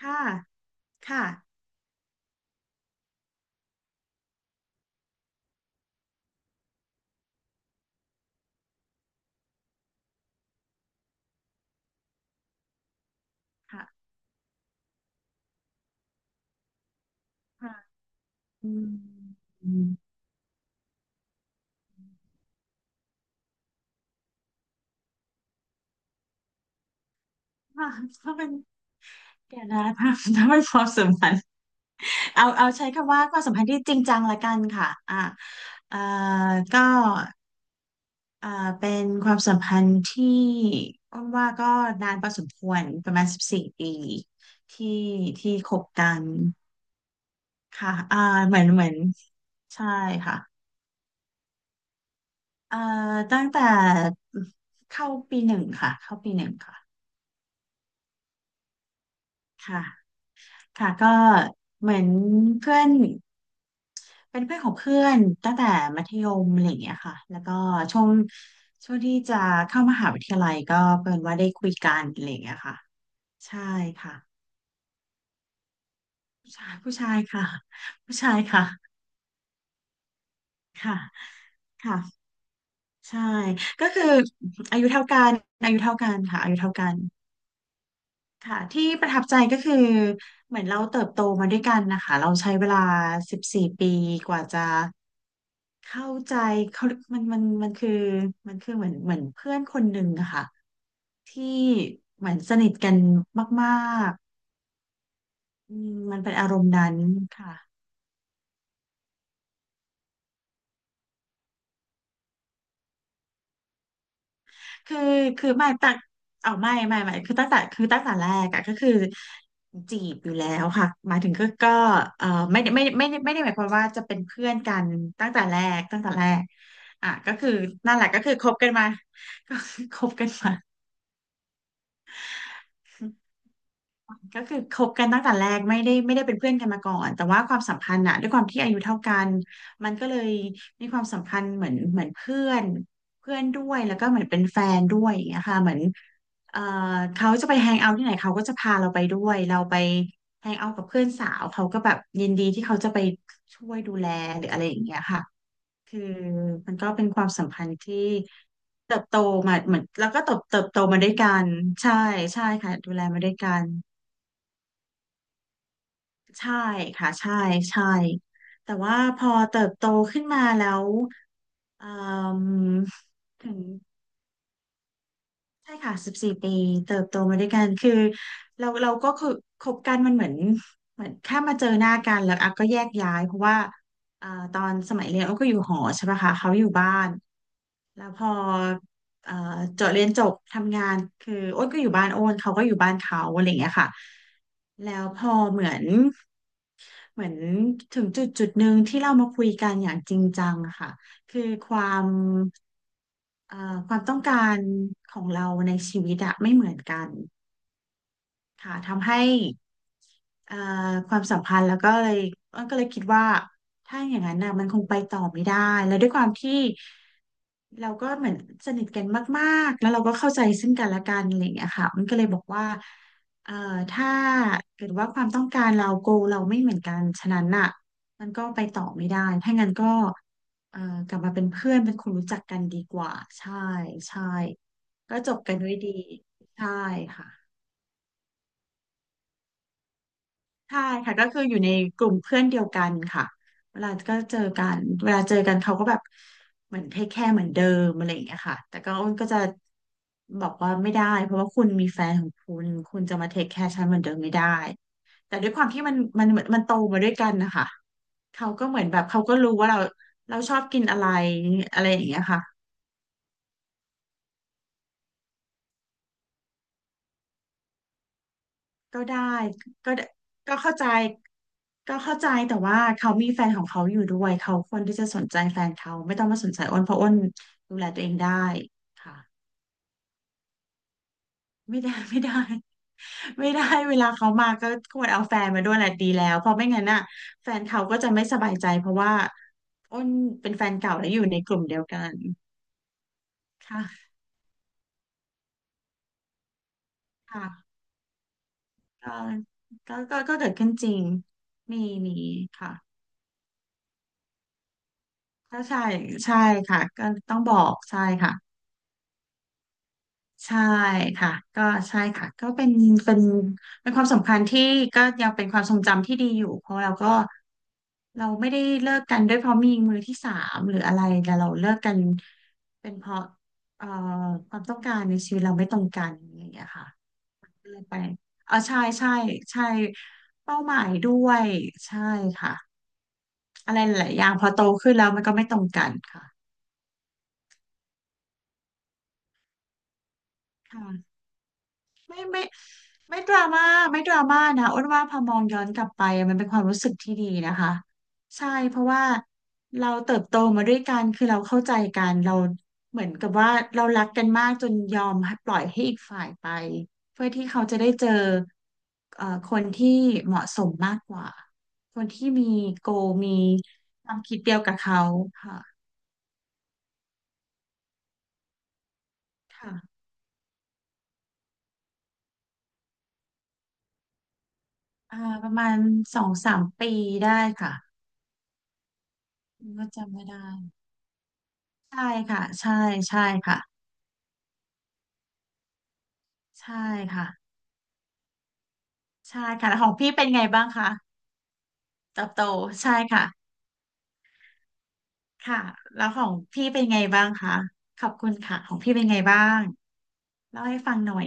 ค่ะค่ะค่ะค่ะอืมอืมค่ะถ้าเป็นเดี๋ยวนะถ้าถ้าเป็นความสัมพันธ์เอาใช้คำว่าความสัมพันธ์ที่จริงจังละกันค่ะเอ่อก็เอ่อเป็นความสัมพันธ์ที่อ้นว่าก็นานพอสมควรประมาณสิบสี่ปีที่ที่คบกันค่ะอ่าเหมือนใช่ค่ะเอ่อตั้งแต่เข้าปีหนึ่งค่ะเข้าปีหนึ่งค่ะค่ะ ค่ะก็เหมือนเพื่อนเป็นเพื่อนของเพื่อนตั้งแต่มัธยมอะไรอย่างเงี้ยค่ะแล้วก็ช่วงช่วงที่จะเข้ามหาวิทยาลัยก็เป็นว่าได้คุยกันอะไรอย่างเงี้ยค่ะใช่ค่ะผู้ชายค่ะผู้ชายค่ะค่ะค่ะใช่ก็คืออายุเท่ากันอายุเท่ากันค่ะอายุเท่ากันค่ะที่ประทับใจก็คือเหมือนเราเติบโตมาด้วยกันนะคะเราใช้เวลาสิบสี่ปีกว่าจะ เข้าใจเขามันคือมันคือเหมือนเพื่อนคนหนึ่งอะค่ะที่เหมือนสนิทกันมากๆอืมมันเป็นอารมณ์นั้นค่ะคือคือไม่ตั้งเอาไม่คือตั้งแต่แรกอะก็คือจีบอยู่แล้วค่ะหมายถึงก็เออไม่ได้ไม่ไม่ไม่ไม่ได้หมายความว่าจะเป็นเพื่อนกันตั้งแต่แรกอ่ะก็คือนั่นแหละก็คือคบกันมาก็ คือคบกันมา ก็คือคบกันตั้งแต่แรกไม่ได้เป็นเพื่อนกันมาก่อนแต่ว่าความสัมพันธ์อะด้วยความที่อายุเท่ากันมันก็เลยมีความสัมพันธ์เหมือนเพื่อนเพื่อนด้วยแล้วก็เหมือนเป็นแฟนด้วยอย่างเงี้ยค่ะเหมือนเอ่อเขาจะไปแฮงเอาท์ที่ไหนเขาก็จะพาเราไปด้วยเราไปแฮงเอาท์กับเพื่อนสาวเขาก็แบบยินดีที่เขาจะไปช่วยดูแลหรืออะไรอย่างเงี้ยค่ะคือมันก็เป็นความสัมพันธ์ที่เติบโตมาเหมือนแล้วก็เติบโตมาด้วยกันใช่ใช่ค่ะดูแลมาด้วยกัน ใช่ค่ะใช่ใช่แต่ว่าพอเติบโตขึ้นมาแล้วเอ่มถึงใช่ค่ะสิบสี่ปีเติบโตมาด้วยกันคือเราก็คือคบกันมันเหมือนเหมือนแค่มาเจอหน้ากันแล้วอ่ะก็แยกย้ายเพราะว่าตอนสมัยเรียนอ้อก็อยู่หอใช่ปะคะเขาอยู่บ้านแล้วพอเอ่อจบเรียนจบทำงานคืออ้นก็อยู่บ้านอ้นเขาก็อยู่บ้านเขาอะไรอย่างเงี้ยค่ะแล้วพอเหมือนถึงจุดหนึ่งที่เรามาคุยกันอย่างจริงจังอะค่ะคือความความต้องการของเราในชีวิตอะไม่เหมือนกันค่ะทำให้เอ่อความสัมพันธ์แล้วก็เลยก็เลยคิดว่าถ้าอย่างนั้นนะมันคงไปต่อไม่ได้แล้วด้วยความที่ เราก็เหมือนสนิทกันมากๆแล้วเราก็เข้าใจซึ่งกันและกันอะไรอย่างเงี้ยค่ะมันก็เลยบอกว่าเอ่อถ้าเกิดว่าความต้องการเราโกเราไม่เหมือนกัน ฉะนั้นน่ะมันก็ไปต่อไม่ได้ ถ้างั้นก็เอ่อกลับมาเป็นเพื่อนเป็นคนรู้จักกันดีกว่า ใช่ใช่ก็จบกันด้วยดีใช่ค่ะ ใช่ค่ะก็คืออยู่ในกลุ่มเพื่อนเดียวกันค่ะเวลาก็เจอกันเวลาเจอกันเขาก็แบบเหมือนเทคแคร์เหมือนเดิมอะไรอย่างเงี้ยค่ะแต่ก็อ้นก็จะบอกว่าไม่ได้เพราะว่าคุณมีแฟนของคุณคุณจะมาเทคแคร์ฉันเหมือนเดิมไม่ได้แต่ด้วยความที่มันโตมาด้วยกันนะคะเขาก็เหมือนแบบเขาก็รู้ว่าเราชอบกินอะไรอะไรอย่างเงี้ยค่ะก็ได้ก็ได้ก็เข้าใจ ก็เข้าใจแต่ว่าเขามีแฟนของเขาอยู่ด้วยเขาควรที่จะสนใจแฟนเขาไม่ต้องมาสนใจอ้นเพราะอ้นดูแลตัวเองได้ค่ะไม่ได้ ไม่ได้ไม่ได้เวลาเขามาก็ควรเอาแฟนมาด้วยแหละดีแล้วเพราะไม่งั้นน่ะแฟนเขาก็จะไม่สบายใจเพราะว่าอ้นเป็นแฟนเก่าและอยู่ในกลุ่มเดียวกันค่ะค่ะก็เกิดขึ้นจริงมีมีค่ะก็ใช่ใช่ค่ะก็ต้องบอกใช่ค่ะ ใช่ค่ะก็ใช่ค่ะก็เป็นเป็นความสำคัญที่ก็ยังเป็นความทรงจำที่ดีอยู่เพราะเราไม่ได้เลิกกันด้วยเพราะมีมือที่สามหรืออะไรแต่เราเลิกกันเป็นเพราะเอ่อความต้องการในชีวิตเราไม่ตรงกันอย่างเงี้ยค่ะก็เลยไปอ๋อใช่ใช่เป้าหมายด้วยใช่ค่ะอะไรหลายๆอย่างพอโตขึ้นแล้วมันก็ไม่ตรงกันค่ะ ไม่ไม่ดราม่าไม่ดราม่านะอ้วนว่าพอมองย้อนกลับไปมันเป็นความรู้สึกที่ดีนะคะใช่เพราะว่าเราเติบโตมาด้วยกันคือเราเข้าใจกันเราเหมือนกับว่าเรารักกันมากจนยอมให้ปล่อยให้อีกฝ่ายไปเพื่อที่เขาจะได้เจอคนที่เหมาะสมมากกว่าคนที่มีโกมีความคิดเดียวกับเขาค่ะค่ะอ่าประมาณ2-3 ปีได้ค่ะก็จำไม่ได้ ใช่ค่ะใช่ใช่ค่ะใช่ค่ะใช่ค่ะแล้วของพี่เป็นไงบ้างคะเติบโตใช่ค่ะค่ะแล้วของพี่เป็นไงบ้างคะขอบคุณค่ะของพี่เป็นไงบ้างเล่าให้ฟังหน่อย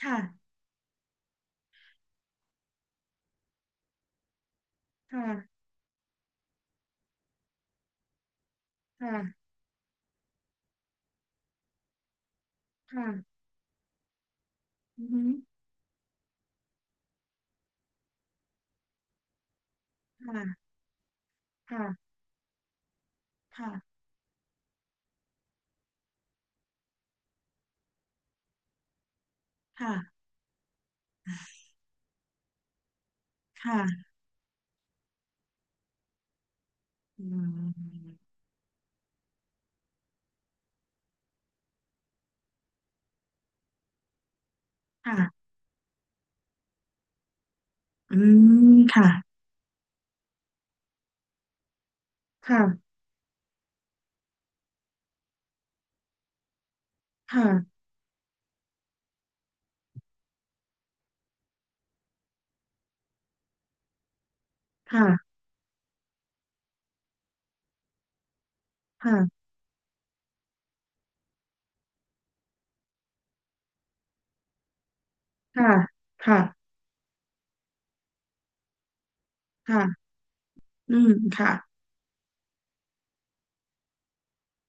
ค่ะค่ะค่ะค่ะอือหืค่ะค่ะค่ะค่ะค่ะอืมค่ะอืมค่ะค่ะค่ะค่ะค่ะค่ะค่ะค่ะอืมค่ะ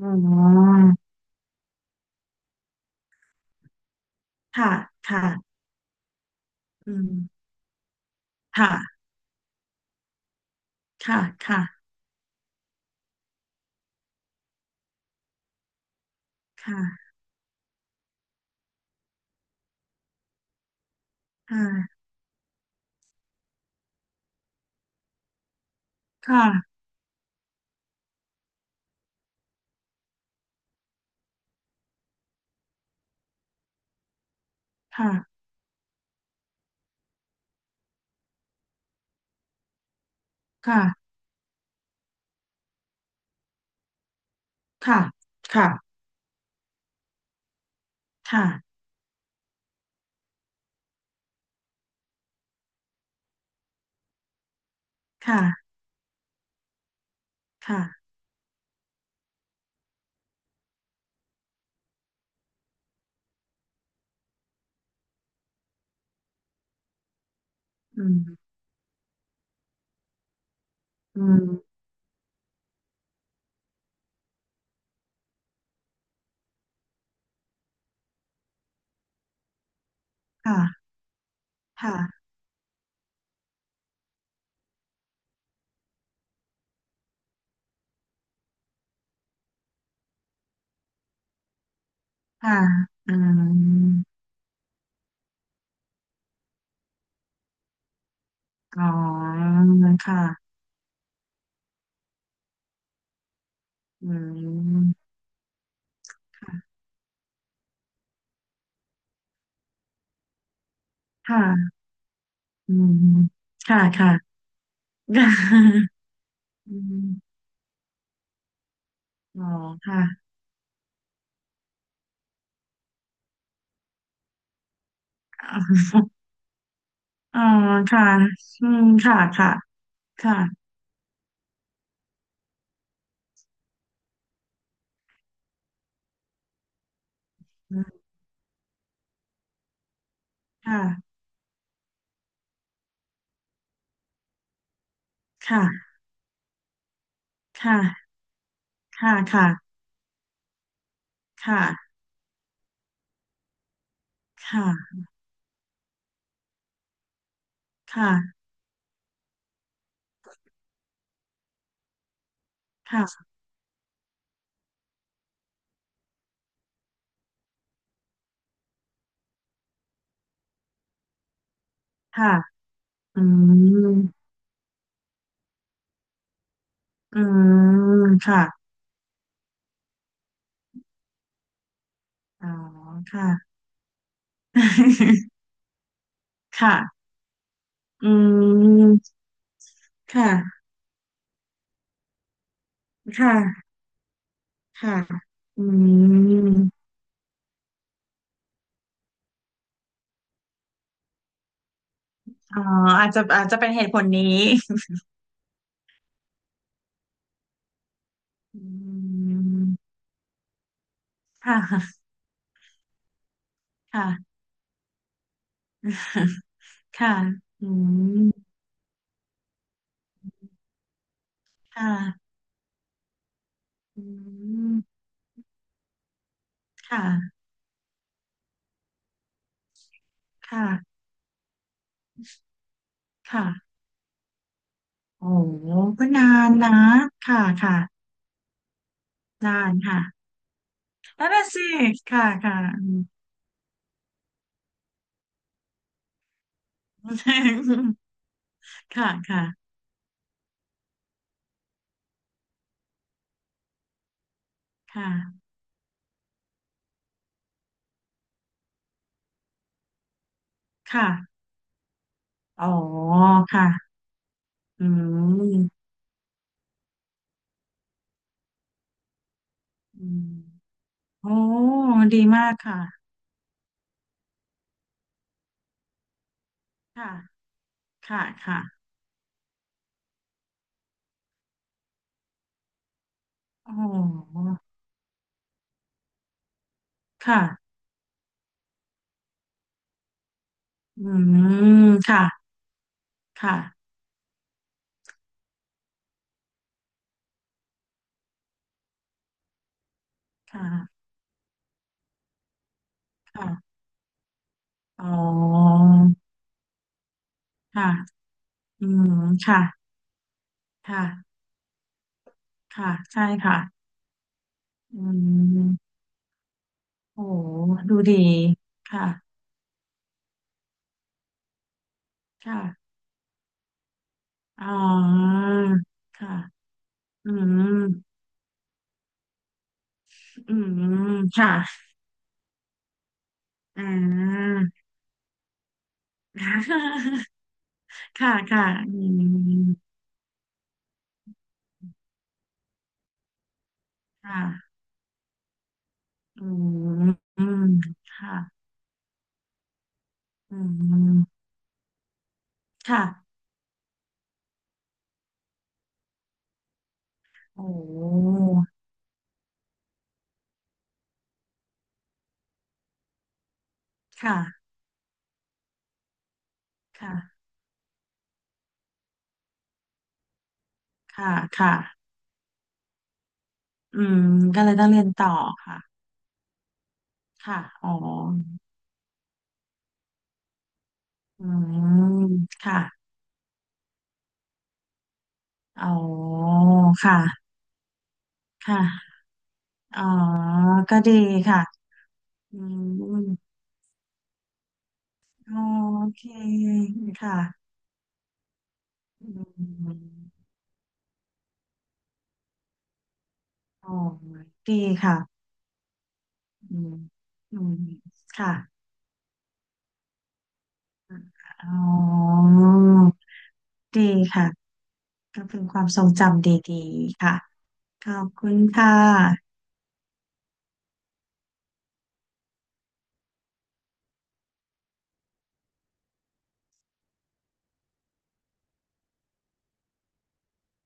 อ๋อค่ะค่ะ อืมค่ะค่ะค่ะค่ะค่ะค่ะค่ะค่ะค่ะค่ะค่ะค่ะค่ะอืมอืมค่ะค่ะค่ะอืมอ๋อค่ะอืมค่ะค่ะอืมค่ะค่ะอืมอ๋อค่ะอ๋อค่ะอืมค่ะค่ะค่ะค่ะค่ะค่ะค่ะค่ะค่ะค่ะ ค่ะค่ะค่ะ อืมอืมค่ะอ๋อค่ะ ค่ะ อืมค่ะ ค่ะค่ะอืมอ๋ออาจจะเป็นเหตุผลนี้อืมค่ะค่ะ ค่ะอืมค่ะอืมค่ะค่ะค่ะโอ้โหก็นานนะค่ะค่ะนานค่ะนั่นน่ะสิค่ะค่ะ ค่ะค่ะค่ะค่ะอ๋อค่ะอืมอืมโอ้ดีมากค่ะค่ะค่ะค่ะโอ้ค่ะอืมค่ะค่ะค่ะค่ะอ๋อค่ะอืมค่ะค่ะค่ะใช่ค่ะอืมโอ้ดูดีค่ะค่ะอ๋อค่ะอืมอืมค่ะ อ่า ค่ะค่ะอืมค่ะอืมอืมค่ะอืมค่ะโอ้ค่ะค่ะค่ะค่ะอืมก็เลยต้องเรียนต่อค่ะค่ะอ๋ออืมค่ะอ๋อค่ะค่ะอ๋อก็ดีค่ะอืมโอเคค่ะอืมอ๋อดีค่ะ อืมอืมค่ะอ๋อดีค่ะก็เป็นความทรงจำดีๆค่ะ ขอบคุณค่ะ